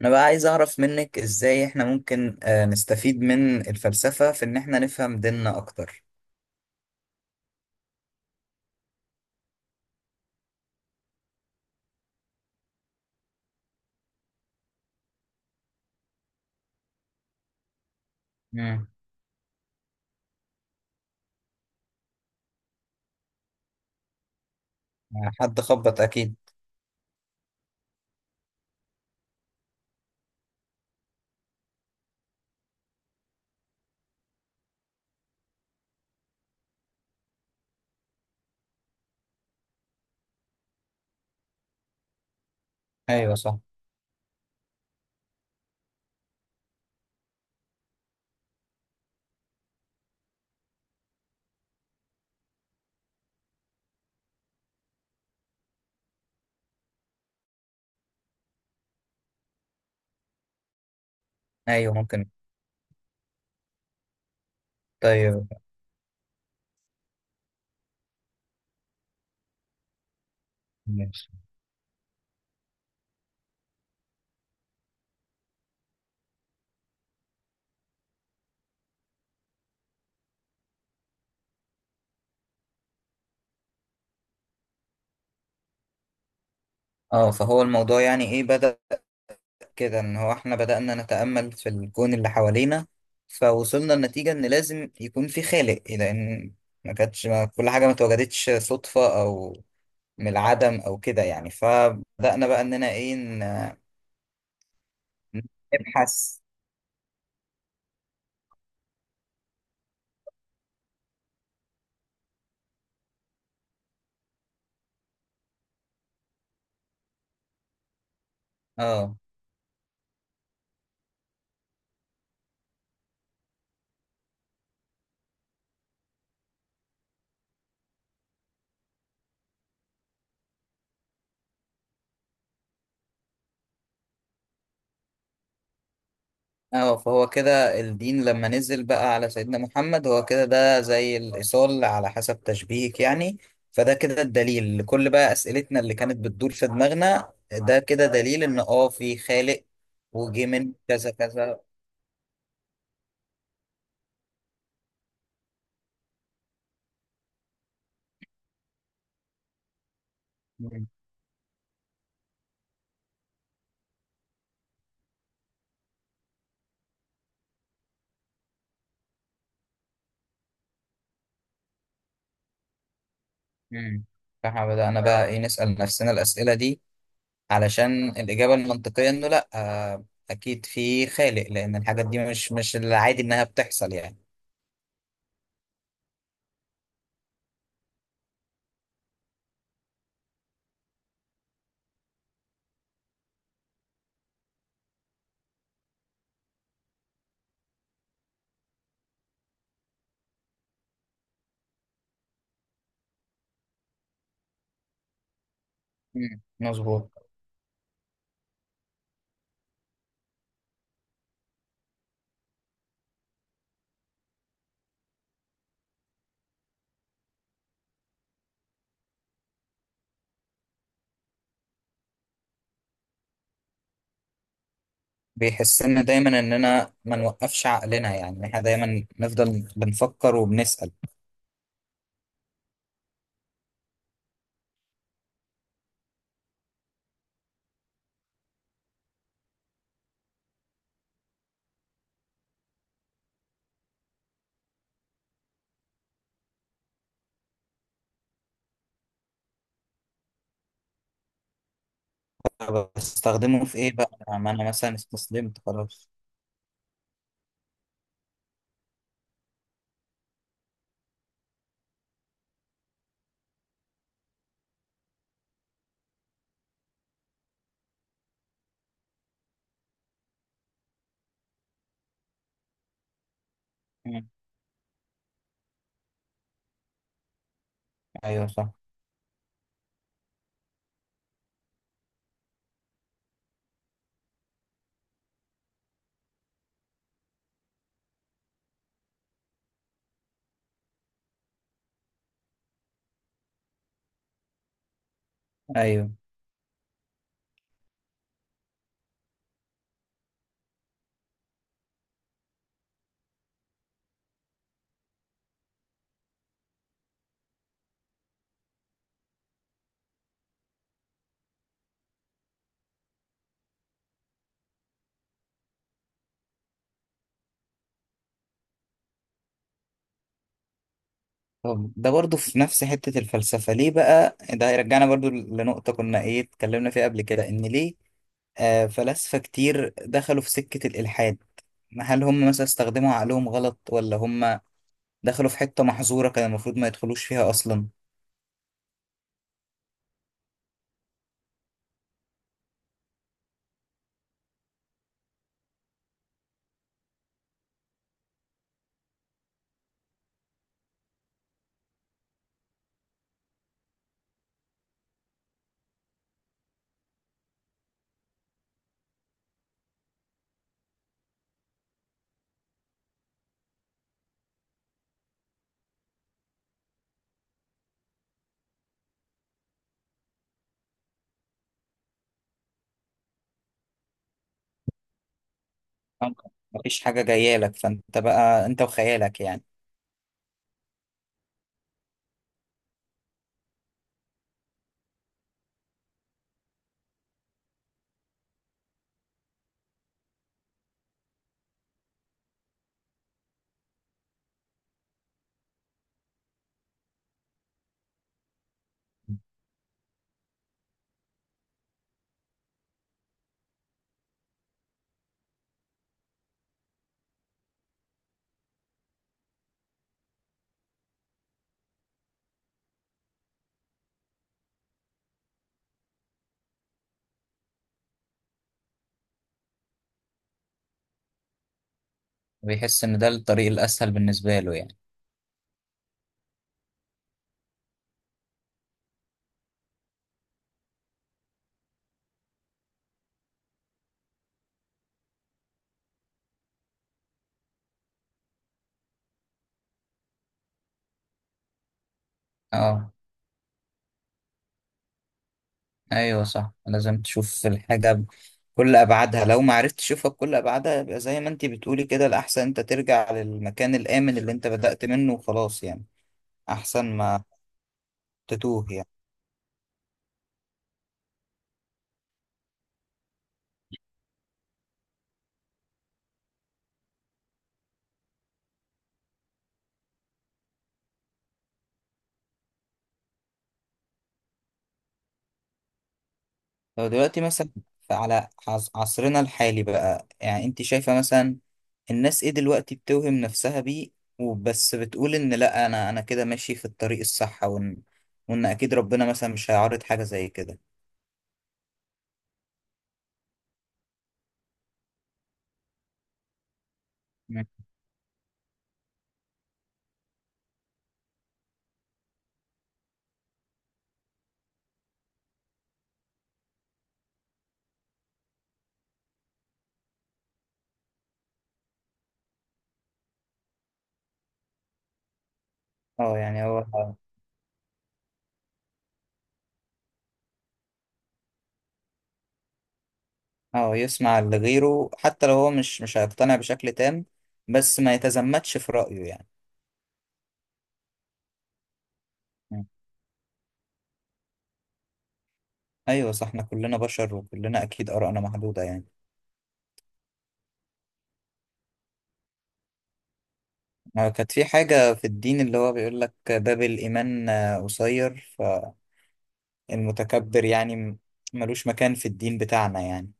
انا بقى عايز اعرف منك ازاي احنا ممكن نستفيد من الفلسفة في ان احنا نفهم ديننا اكتر. مم. حد خبط اكيد. ايوه صح. ايوه ممكن. طيب. ماشي. اه، فهو الموضوع يعني ايه بدأ كده ان هو احنا بدأنا نتأمل في الكون اللي حوالينا، فوصلنا لنتيجة ان لازم يكون في خالق لان ما كل حاجة ما اتوجدتش صدفة او من العدم او كده يعني، فبدأنا بقى اننا نبحث. اه. اه، فهو كده الدين لما نزل بقى على سيدنا محمد هو كده ده زي الإيصال على حسب تشبيهك يعني. فده كده الدليل لكل بقى أسئلتنا اللي كانت بتدور في دماغنا، ده كده دليل إن في خالق. وجه من كذا كذا. مم. مم. فاحنا بدأنا بقى نسأل نفسنا الأسئلة دي علشان الإجابة المنطقية إنه لأ، أكيد في خالق لأن الحاجات دي مش العادي إنها بتحصل يعني. مم. مظبوط. بيحسنا دايما اننا ما نوقفش عقلنا، يعني احنا دايما نفضل بنفكر وبنسأل. طب بستخدمه في ايه بقى؟ ما انا مثلا استسلمت خلاص. مم. ايوه صح. ايوه. طب ده برضو في نفس حتة الفلسفة ليه بقى؟ ده يرجعنا برضو لنقطة كنا اتكلمنا فيها قبل كده، ان ليه فلاسفة كتير دخلوا في سكة الإلحاد؟ هل هم مثلا استخدموا عقلهم غلط، ولا هم دخلوا في حتة محظورة كان المفروض ما يدخلوش فيها أصلا؟ مفيش حاجة جاية لك، فانت بقى انت وخيالك يعني. بيحس ان ده الطريق الاسهل بالنسبة له يعني. اه، ايوه صح، لازم تشوف الحاجة بكل ابعادها. لو ما عرفتش تشوفها بكل ابعادها يبقى زي ما انت بتقولي كده الاحسن انت ترجع للمكان الامن اللي انت بدأت منه وخلاص يعني. احسن ما تتوه يعني. لو دلوقتي مثلا على عصرنا الحالي بقى، يعني انت شايفة مثلا الناس ايه دلوقتي بتوهم نفسها بيه؟ وبس بتقول ان لا، انا كده ماشي في الطريق الصح، وان اكيد ربنا مثلا مش هيعرض حاجة زي كده. مم. اه، يعني هو اه، يسمع لغيره حتى لو هو مش هيقتنع بشكل تام، بس ما يتزمتش في رأيه يعني. مم. ايوه صح، احنا كلنا بشر وكلنا اكيد آرائنا محدودة يعني. كانت في حاجة في الدين اللي هو بيقول لك باب الإيمان قصير. فالمتكبر يعني ملوش مكان في الدين بتاعنا يعني.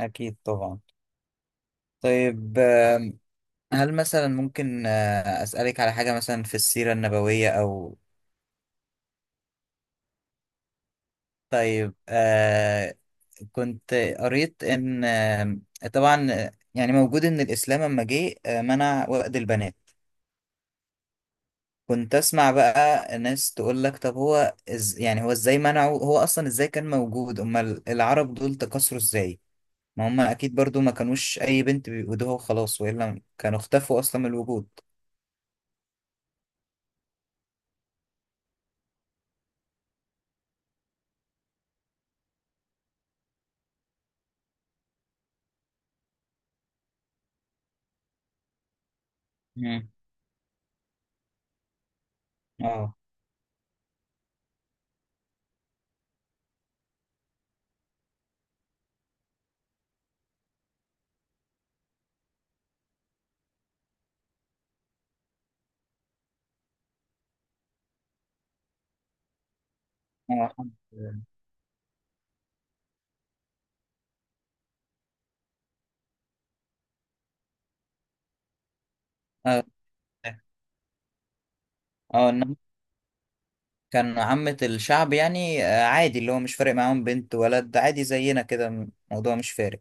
أكيد طبعا. طيب، هل مثلا ممكن أسألك على حاجة مثلا في السيرة النبوية أو... طيب، كنت قريت إن طبعا يعني موجود إن الإسلام لما جه منع وأد البنات. كنت اسمع بقى ناس تقول لك، طب هو يعني هو ازاي منعه؟ هو اصلا ازاي كان موجود؟ امال العرب دول تكاثروا ازاي؟ ما هم اكيد برضو ما كانوش اي بنت بيودوها وخلاص، والا كانوا اختفوا اصلا من الوجود. مم. اه، اه، اه، اه، انما كان عامة الشعب يعني عادي، اللي هو مش فارق معاهم بنت ولد، عادي زينا كده، الموضوع مش فارق.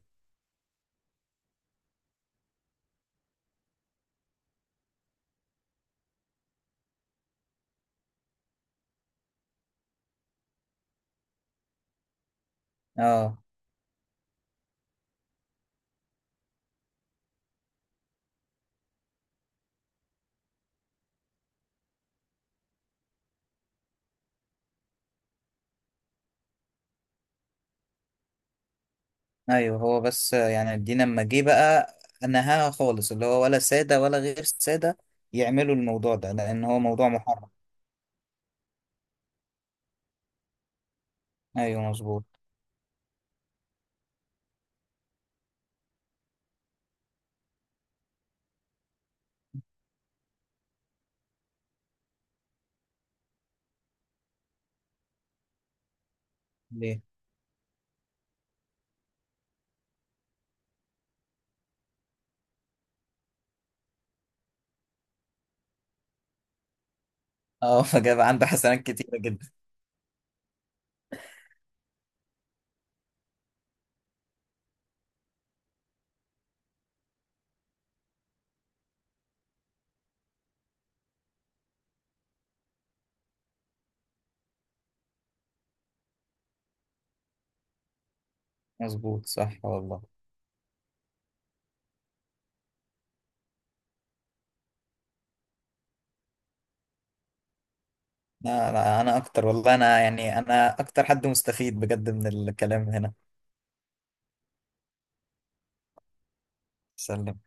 اه ايوه، هو بس يعني الدين لما جه بقى نهاها خالص، اللي هو ولا سادة ولا غير سادة يعملوا الموضوع ده، لان هو موضوع محرم. ايوه مظبوط. ليه؟ اه فجاب عنده حسنات كتيرة جدا. مظبوط صح والله. لا، لا، انا اكتر والله، انا يعني انا اكتر حد مستفيد بجد من الكلام هنا. سلم.